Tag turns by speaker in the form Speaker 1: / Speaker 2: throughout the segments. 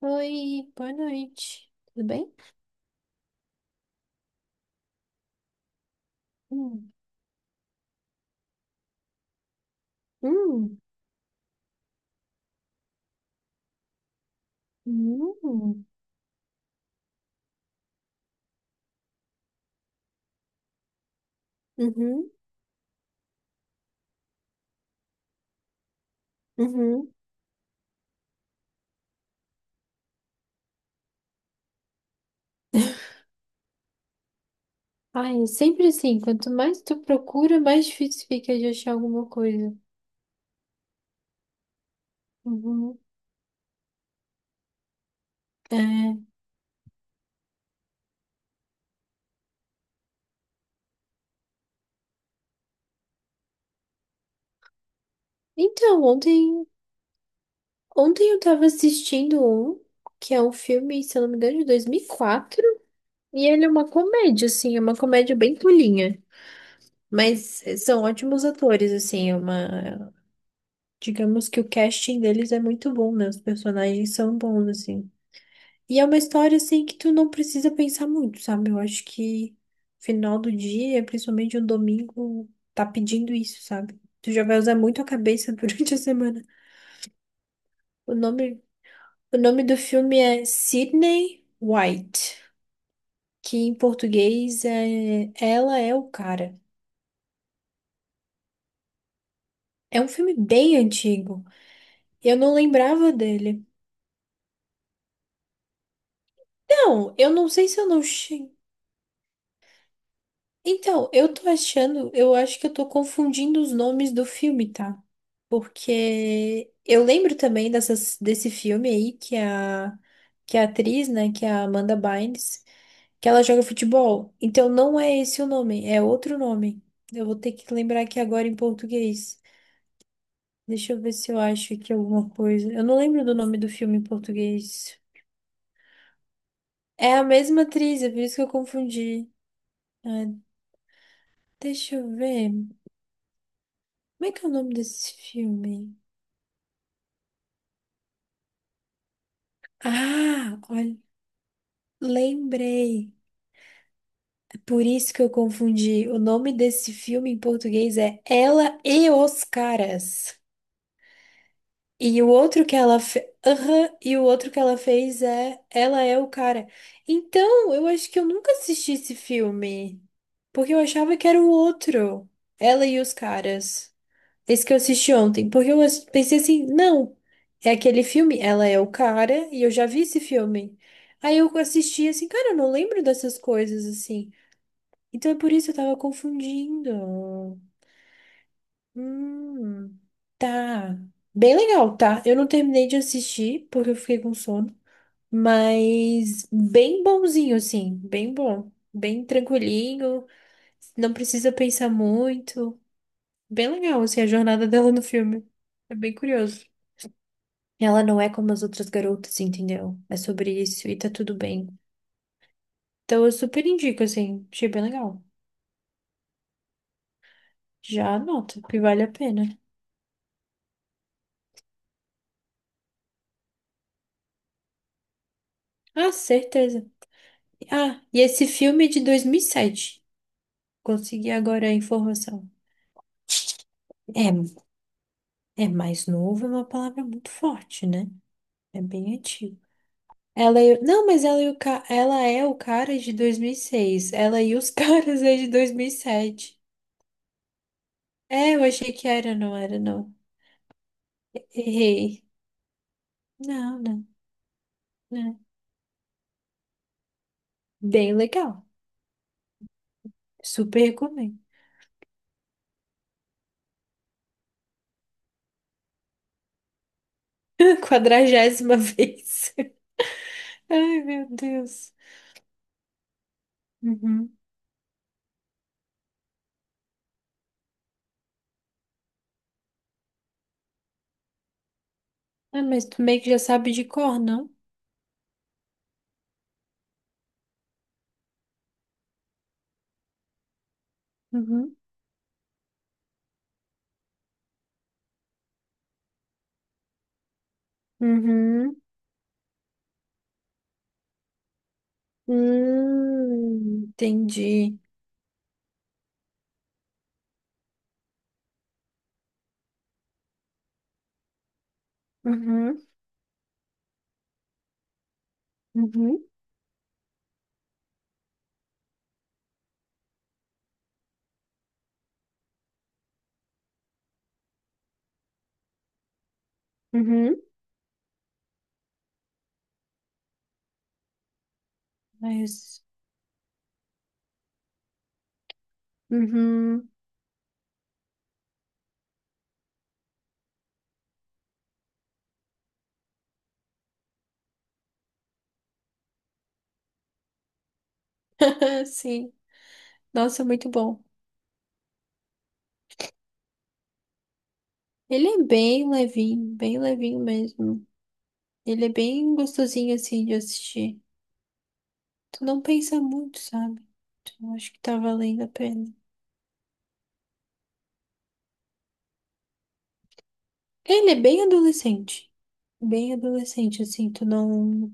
Speaker 1: Oi, boa noite. Tudo bem? Hum, hum, hum, uhum, uhum. Ai, sempre assim, quanto mais tu procura, mais difícil fica de achar alguma coisa. Uhum. É. Então, ontem eu tava assistindo um, que é um filme, se eu não me engano, de 2004. E ele é uma comédia, assim, é uma comédia bem tolinha, mas são ótimos atores, assim, é uma, digamos que o casting deles é muito bom, né? Os personagens são bons, assim. E é uma história, assim, que tu não precisa pensar muito, sabe? Eu acho que final do dia, principalmente um domingo, tá pedindo isso, sabe? Tu já vai usar muito a cabeça durante a semana. O nome, o nome do filme é Sydney White, que em português é Ela é o Cara. É um filme bem antigo. Eu não lembrava dele. Não, eu não sei se eu não. Então, eu tô achando, eu acho que eu tô confundindo os nomes do filme, tá? Porque eu lembro também desse filme aí que a atriz, né, que é a Amanda Bynes, que ela joga futebol. Então não é esse o nome, é outro nome. Eu vou ter que lembrar aqui agora em português. Deixa eu ver se eu acho aqui alguma coisa. Eu não lembro do nome do filme em português. É a mesma atriz, é por isso que eu confundi. Ah, deixa eu ver. Como é que é o nome desse filme? Ah, olha, lembrei. É por isso que eu confundi. O nome desse filme em português é Ela e os Caras. E o outro que ela fez. E o outro que ela fez é Ela é o Cara. Então, eu acho que eu nunca assisti esse filme. Porque eu achava que era o outro. Ela e os Caras. Esse que eu assisti ontem, porque eu pensei assim, não, é aquele filme, ela é o cara, e eu já vi esse filme. Aí eu assisti assim, cara, eu não lembro dessas coisas assim. Então é por isso que eu tava confundindo. Hum, tá. Bem legal, tá? Eu não terminei de assistir, porque eu fiquei com sono, mas bem bonzinho, assim, bem bom, bem tranquilinho, não precisa pensar muito. Bem legal, assim, a jornada dela no filme. É bem curioso. Ela não é como as outras garotas, entendeu? É sobre isso e tá tudo bem. Então eu super indico, assim, achei bem legal. Já anota, que vale a pena. Ah, certeza. Ah, e esse filme é de 2007. Consegui agora a informação. É, é mais novo, é uma palavra muito forte, né? É bem antigo. Não, mas ela, ela é o cara de 2006. Ela e os caras é de 2007. É, eu achei que era, não era, não. Errei. Não, não. Bem legal. Super recomendo. Quadragésima vez. Ai, meu Deus. Uhum. Ah, mas tu meio que já sabe de cor, não? Uhum. Uhum. Entendi. Uhum. Uhum. Uhum. Mas. Uhum. Ah, sim. Nossa, muito bom. Ele é bem levinho mesmo. Ele é bem gostosinho assim de assistir. Tu não pensa muito, sabe? Então acho que tá valendo a pena. Ele é bem adolescente. Bem adolescente, assim, tu não.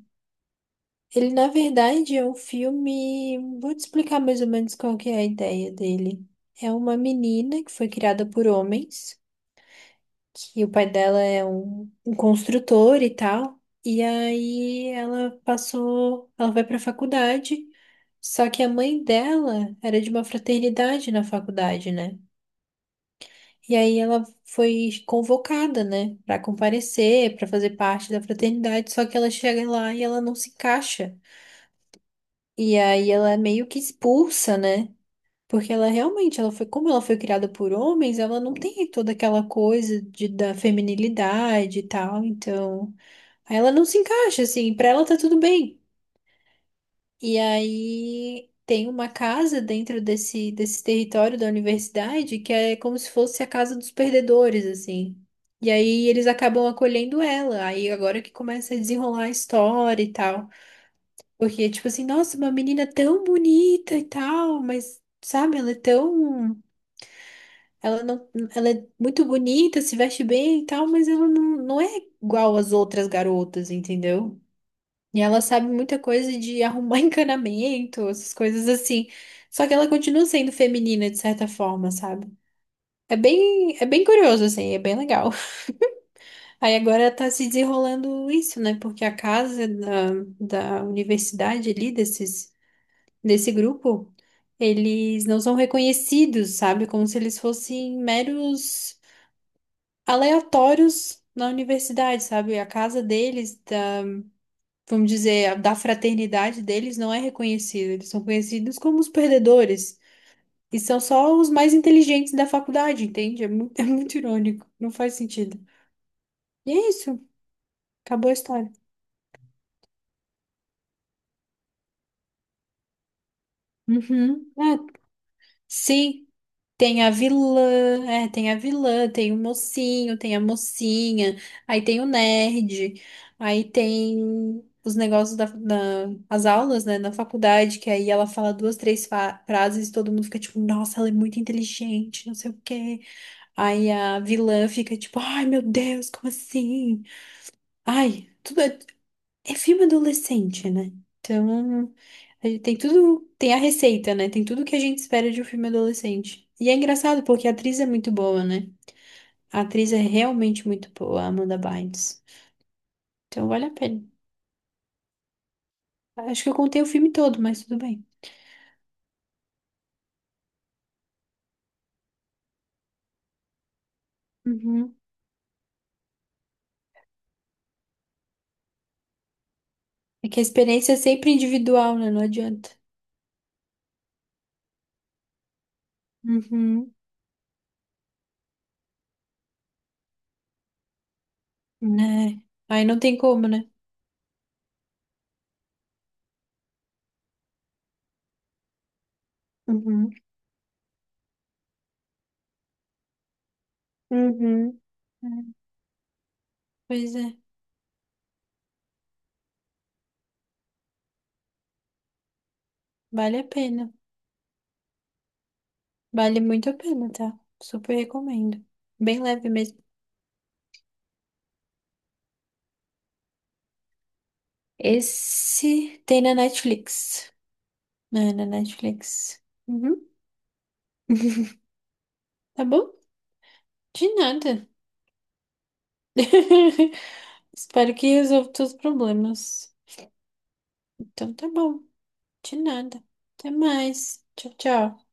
Speaker 1: Ele, na verdade, é um filme. Vou te explicar mais ou menos qual que é a ideia dele. É uma menina que foi criada por homens, que o pai dela é um construtor e tal. E aí ela passou. Ela vai pra faculdade. Só que a mãe dela era de uma fraternidade na faculdade, né? E aí ela foi convocada, né, pra comparecer, pra fazer parte da fraternidade, só que ela chega lá e ela não se encaixa. E aí ela é meio que expulsa, né? Porque ela realmente, ela foi, como ela foi criada por homens, ela não tem toda aquela coisa de, da feminilidade e tal, então, aí ela não se encaixa assim, pra ela tá tudo bem. E aí tem uma casa dentro desse, território da universidade que é como se fosse a casa dos perdedores, assim. E aí eles acabam acolhendo ela. Aí agora que começa a desenrolar a história e tal. Porque, tipo assim, nossa, uma menina tão bonita e tal, mas, sabe, ela é tão. Ela não, ela é muito bonita, se veste bem e tal, mas ela não, não é igual às outras garotas, entendeu? E ela sabe muita coisa de arrumar encanamento, essas coisas assim. Só que ela continua sendo feminina de certa forma, sabe? É bem curioso, assim, é bem legal. Aí agora tá se desenrolando isso, né? Porque a casa da universidade ali, desse grupo, eles não são reconhecidos, sabe? Como se eles fossem meros aleatórios na universidade, sabe? A casa deles, vamos dizer, da fraternidade deles não é reconhecida. Eles são conhecidos como os perdedores. E são só os mais inteligentes da faculdade, entende? É muito, é muito irônico. Não faz sentido. E é isso. Acabou a história. Uhum. É, sim. Tem a vilã, é, tem a vilã, tem o mocinho, tem a mocinha, aí tem o nerd, aí tem os negócios as aulas, né, na faculdade, que aí ela fala duas, três frases e todo mundo fica tipo, nossa, ela é muito inteligente, não sei o quê. Aí a vilã fica tipo, ai meu Deus, como assim? Ai, tudo, é filme adolescente, né? Então, a gente tem tudo, tem a receita, né? Tem tudo que a gente espera de um filme adolescente. E é engraçado porque a atriz é muito boa, né? A atriz é realmente muito boa, a Amanda Bynes. Então, vale a pena. Acho que eu contei o filme todo, mas tudo bem. Uhum. É que a experiência é sempre individual, né? Não adianta. Uhum. Né? Aí não tem como, né? Uhum. Uhum. É, pois é, vale a pena. Vale muito a pena, tá? Super recomendo. Bem leve mesmo. Esse tem na Netflix. É, na Netflix. Uhum. Tá bom? De nada. Espero que resolva todos os problemas. Então tá bom. De nada. Até mais. Tchau, tchau.